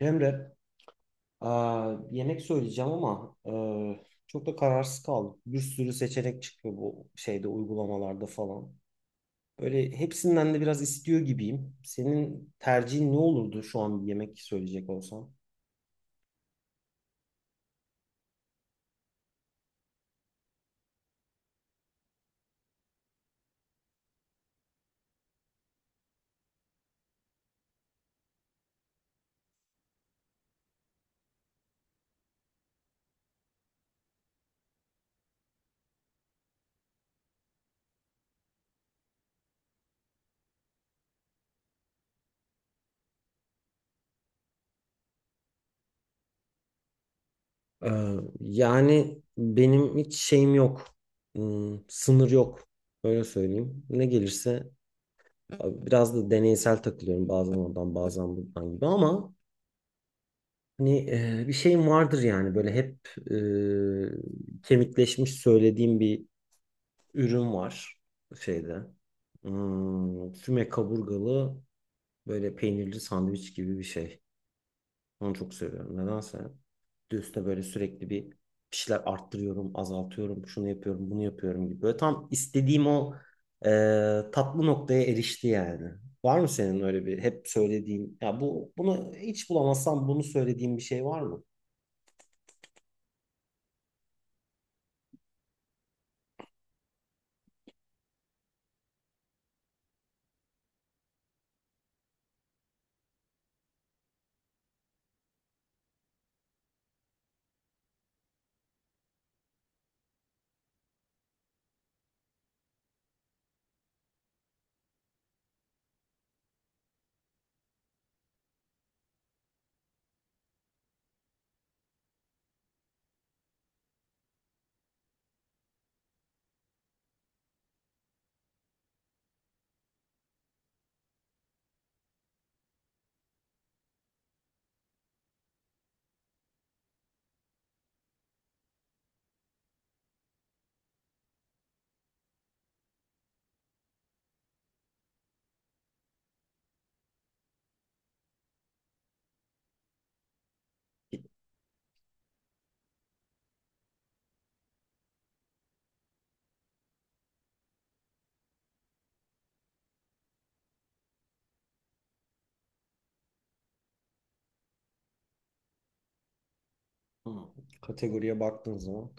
Emre, yemek söyleyeceğim ama çok da kararsız kaldım. Bir sürü seçenek çıkıyor bu şeyde, uygulamalarda falan. Böyle hepsinden de biraz istiyor gibiyim. Senin tercihin ne olurdu şu an bir yemek söyleyecek olsan? Ee, yani benim hiç şeyim yok. Sınır yok. Öyle söyleyeyim. Ne gelirse biraz da deneysel takılıyorum. Bazen oradan bazen buradan gibi ama hani, bir şeyim vardır yani, böyle hep kemikleşmiş söylediğim bir ürün var şeyde. Füme kaburgalı böyle peynirli sandviç gibi bir şey. Onu çok seviyorum. Nedense de üstüne böyle sürekli bir şeyler arttırıyorum, azaltıyorum, şunu yapıyorum, bunu yapıyorum gibi. Böyle tam istediğim o e, tatlı noktaya erişti yani. Var mı senin öyle bir hep söylediğin, ya bu bunu hiç bulamazsam bunu söylediğin bir şey var mı? Hı. Kategoriye baktığın zaman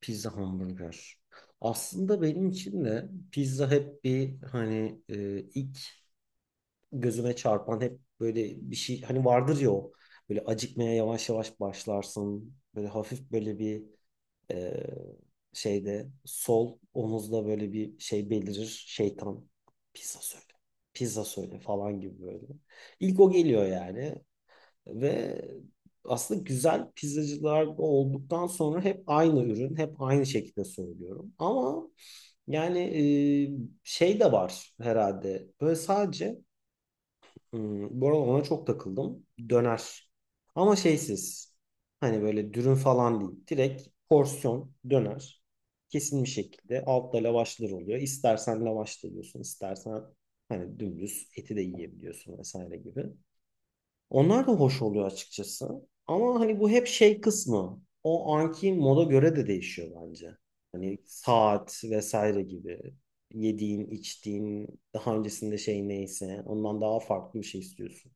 pizza, hamburger. Aslında benim için de pizza hep bir hani, ilk gözüme çarpan hep böyle bir şey hani vardır ya, o böyle acıkmaya yavaş yavaş başlarsın. Böyle hafif böyle bir e, şeyde, sol omuzda böyle bir şey belirir. Şeytan, pizza söyle. Pizza söyle falan gibi böyle. İlk o geliyor yani. Ve aslında güzel pizzacılar olduktan sonra hep aynı ürün, hep aynı şekilde söylüyorum. Ama yani şey de var herhalde. Böyle sadece bu arada ona çok takıldım. Döner. Ama şeysiz. Hani böyle dürüm falan değil. Direkt porsiyon döner. Kesin bir şekilde altta lavaşlar oluyor. İstersen lavaş da yiyorsun, istersen hani dümdüz eti de yiyebiliyorsun vesaire gibi. Onlar da hoş oluyor açıkçası. Ama hani bu hep şey kısmı. O anki moda göre de değişiyor bence. Hani saat vesaire gibi. Yediğin, içtiğin, daha öncesinde şey neyse, ondan daha farklı bir şey istiyorsun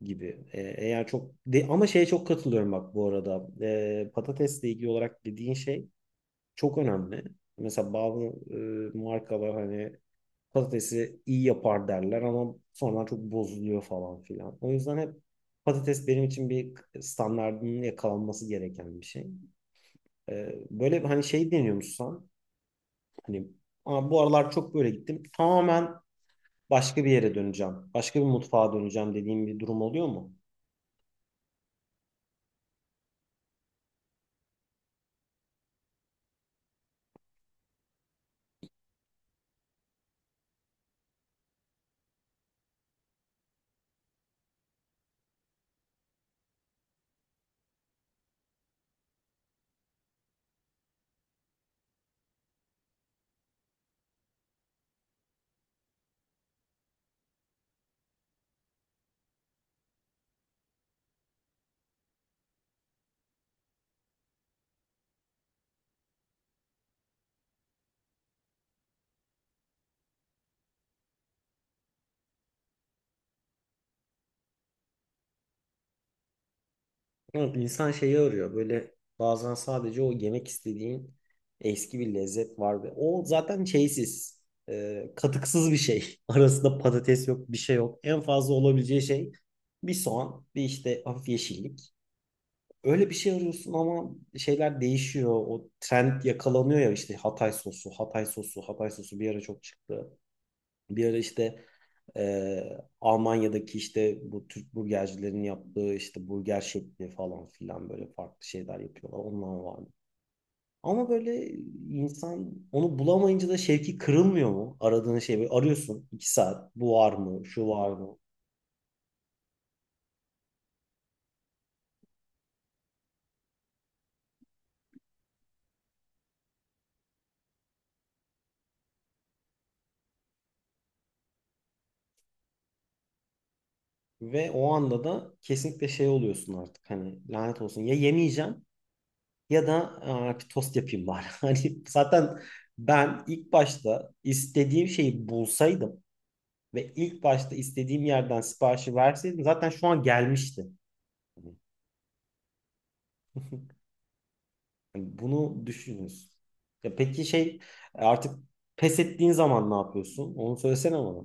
gibi. Ama şeye çok katılıyorum bak bu arada. Patatesle ilgili olarak dediğin şey çok önemli. Mesela bazı e, markalar hani patatesi iyi yapar derler ama sonradan çok bozuluyor falan filan. O yüzden hep patates benim için bir standardının yakalanması gereken bir şey. Böyle hani şey deniyormuşsan, hani, "Bu aralar çok böyle gittim. Tamamen başka bir yere döneceğim. Başka bir mutfağa döneceğim" dediğim bir durum oluyor mu? Ama insan şeyi arıyor. Böyle bazen sadece o yemek istediğin eski bir lezzet var ve o zaten şeysiz, katıksız bir şey. Arasında patates yok, bir şey yok. En fazla olabileceği şey bir soğan, bir işte hafif yeşillik. Öyle bir şey arıyorsun ama şeyler değişiyor. O trend yakalanıyor ya, işte Hatay sosu, Hatay sosu, Hatay sosu bir ara çok çıktı. Bir ara işte Almanya'daki işte bu Türk burgercilerin yaptığı işte burger şekli falan filan, böyle farklı şeyler yapıyorlar. Onlar var mı? Ama böyle insan onu bulamayınca da şevki kırılmıyor mu? Aradığın şey, böyle arıyorsun 2 saat, bu var mı, şu var mı? Ve o anda da kesinlikle şey oluyorsun artık, hani lanet olsun ya, yemeyeceğim ya da, "Bir tost yapayım bari." Hani zaten ben ilk başta istediğim şeyi bulsaydım ve ilk başta istediğim yerden siparişi verseydim zaten şu an gelmişti. Yani bunu düşününüz. Ya peki şey, artık pes ettiğin zaman ne yapıyorsun? Onu söylesene bana.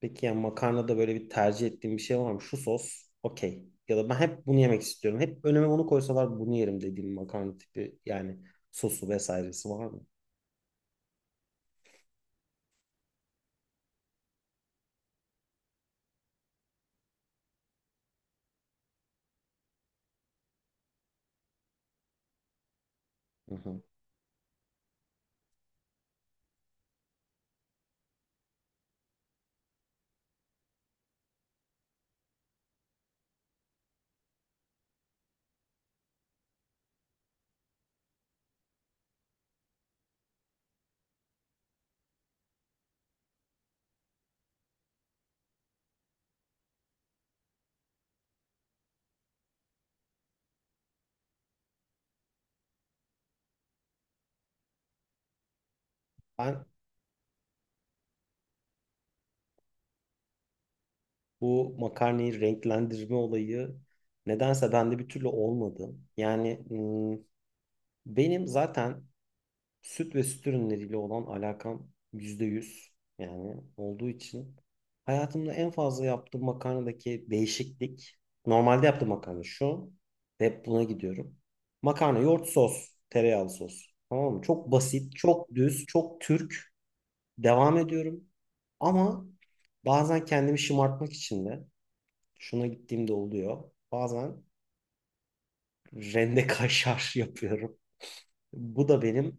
Peki yani makarnada böyle bir tercih ettiğin bir şey var mı? Şu sos okey. Ya da ben hep bunu yemek istiyorum. Hep önüme onu koysalar bunu yerim dediğim makarna tipi, yani sosu vesairesi var mı? Hı hı. Ben bu makarnayı renklendirme olayı nedense bende bir türlü olmadı. Yani benim zaten süt ve süt ürünleriyle olan alakam %100 yani olduğu için hayatımda en fazla yaptığım makarnadaki değişiklik, normalde yaptığım makarna şu ve hep buna gidiyorum. Makarna, yoğurt, sos, tereyağlı sos. Tamam mı? Çok basit, çok düz, çok Türk. Devam ediyorum. Ama bazen kendimi şımartmak için de şuna gittiğimde oluyor. Bazen rende kaşar yapıyorum. Bu da benim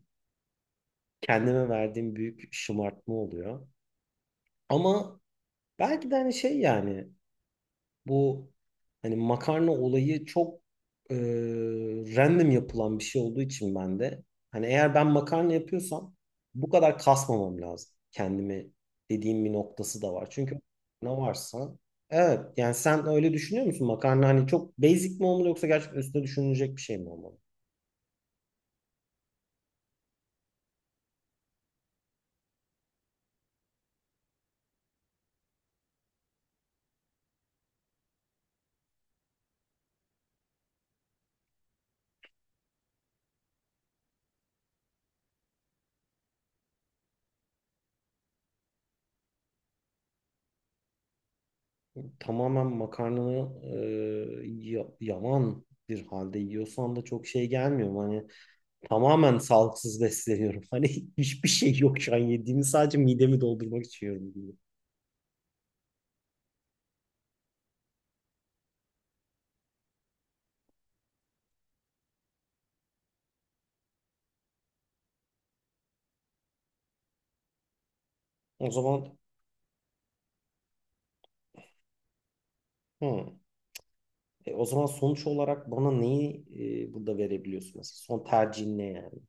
kendime verdiğim büyük şımartma oluyor. Ama belki de hani şey yani, bu hani makarna olayı çok e, random yapılan bir şey olduğu için ben de hani eğer ben makarna yapıyorsam bu kadar kasmamam lazım kendimi dediğim bir noktası da var. Çünkü ne varsa, evet yani, sen öyle düşünüyor musun, makarna hani çok basic mi olmalı yoksa gerçekten üstüne düşünülecek bir şey mi olmalı? Tamamen makarnanı yaman bir halde yiyorsan da çok şey gelmiyor, hani tamamen sağlıksız besleniyorum. Hani hiçbir şey yok, şu an yediğimi sadece midemi doldurmak için yiyorum gibi. O zaman hı. O zaman sonuç olarak bana neyi burada verebiliyorsun mesela? Son tercihin ne yani?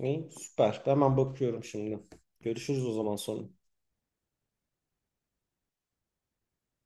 İyi, süper. Hemen bakıyorum şimdi. Görüşürüz o zaman sonra.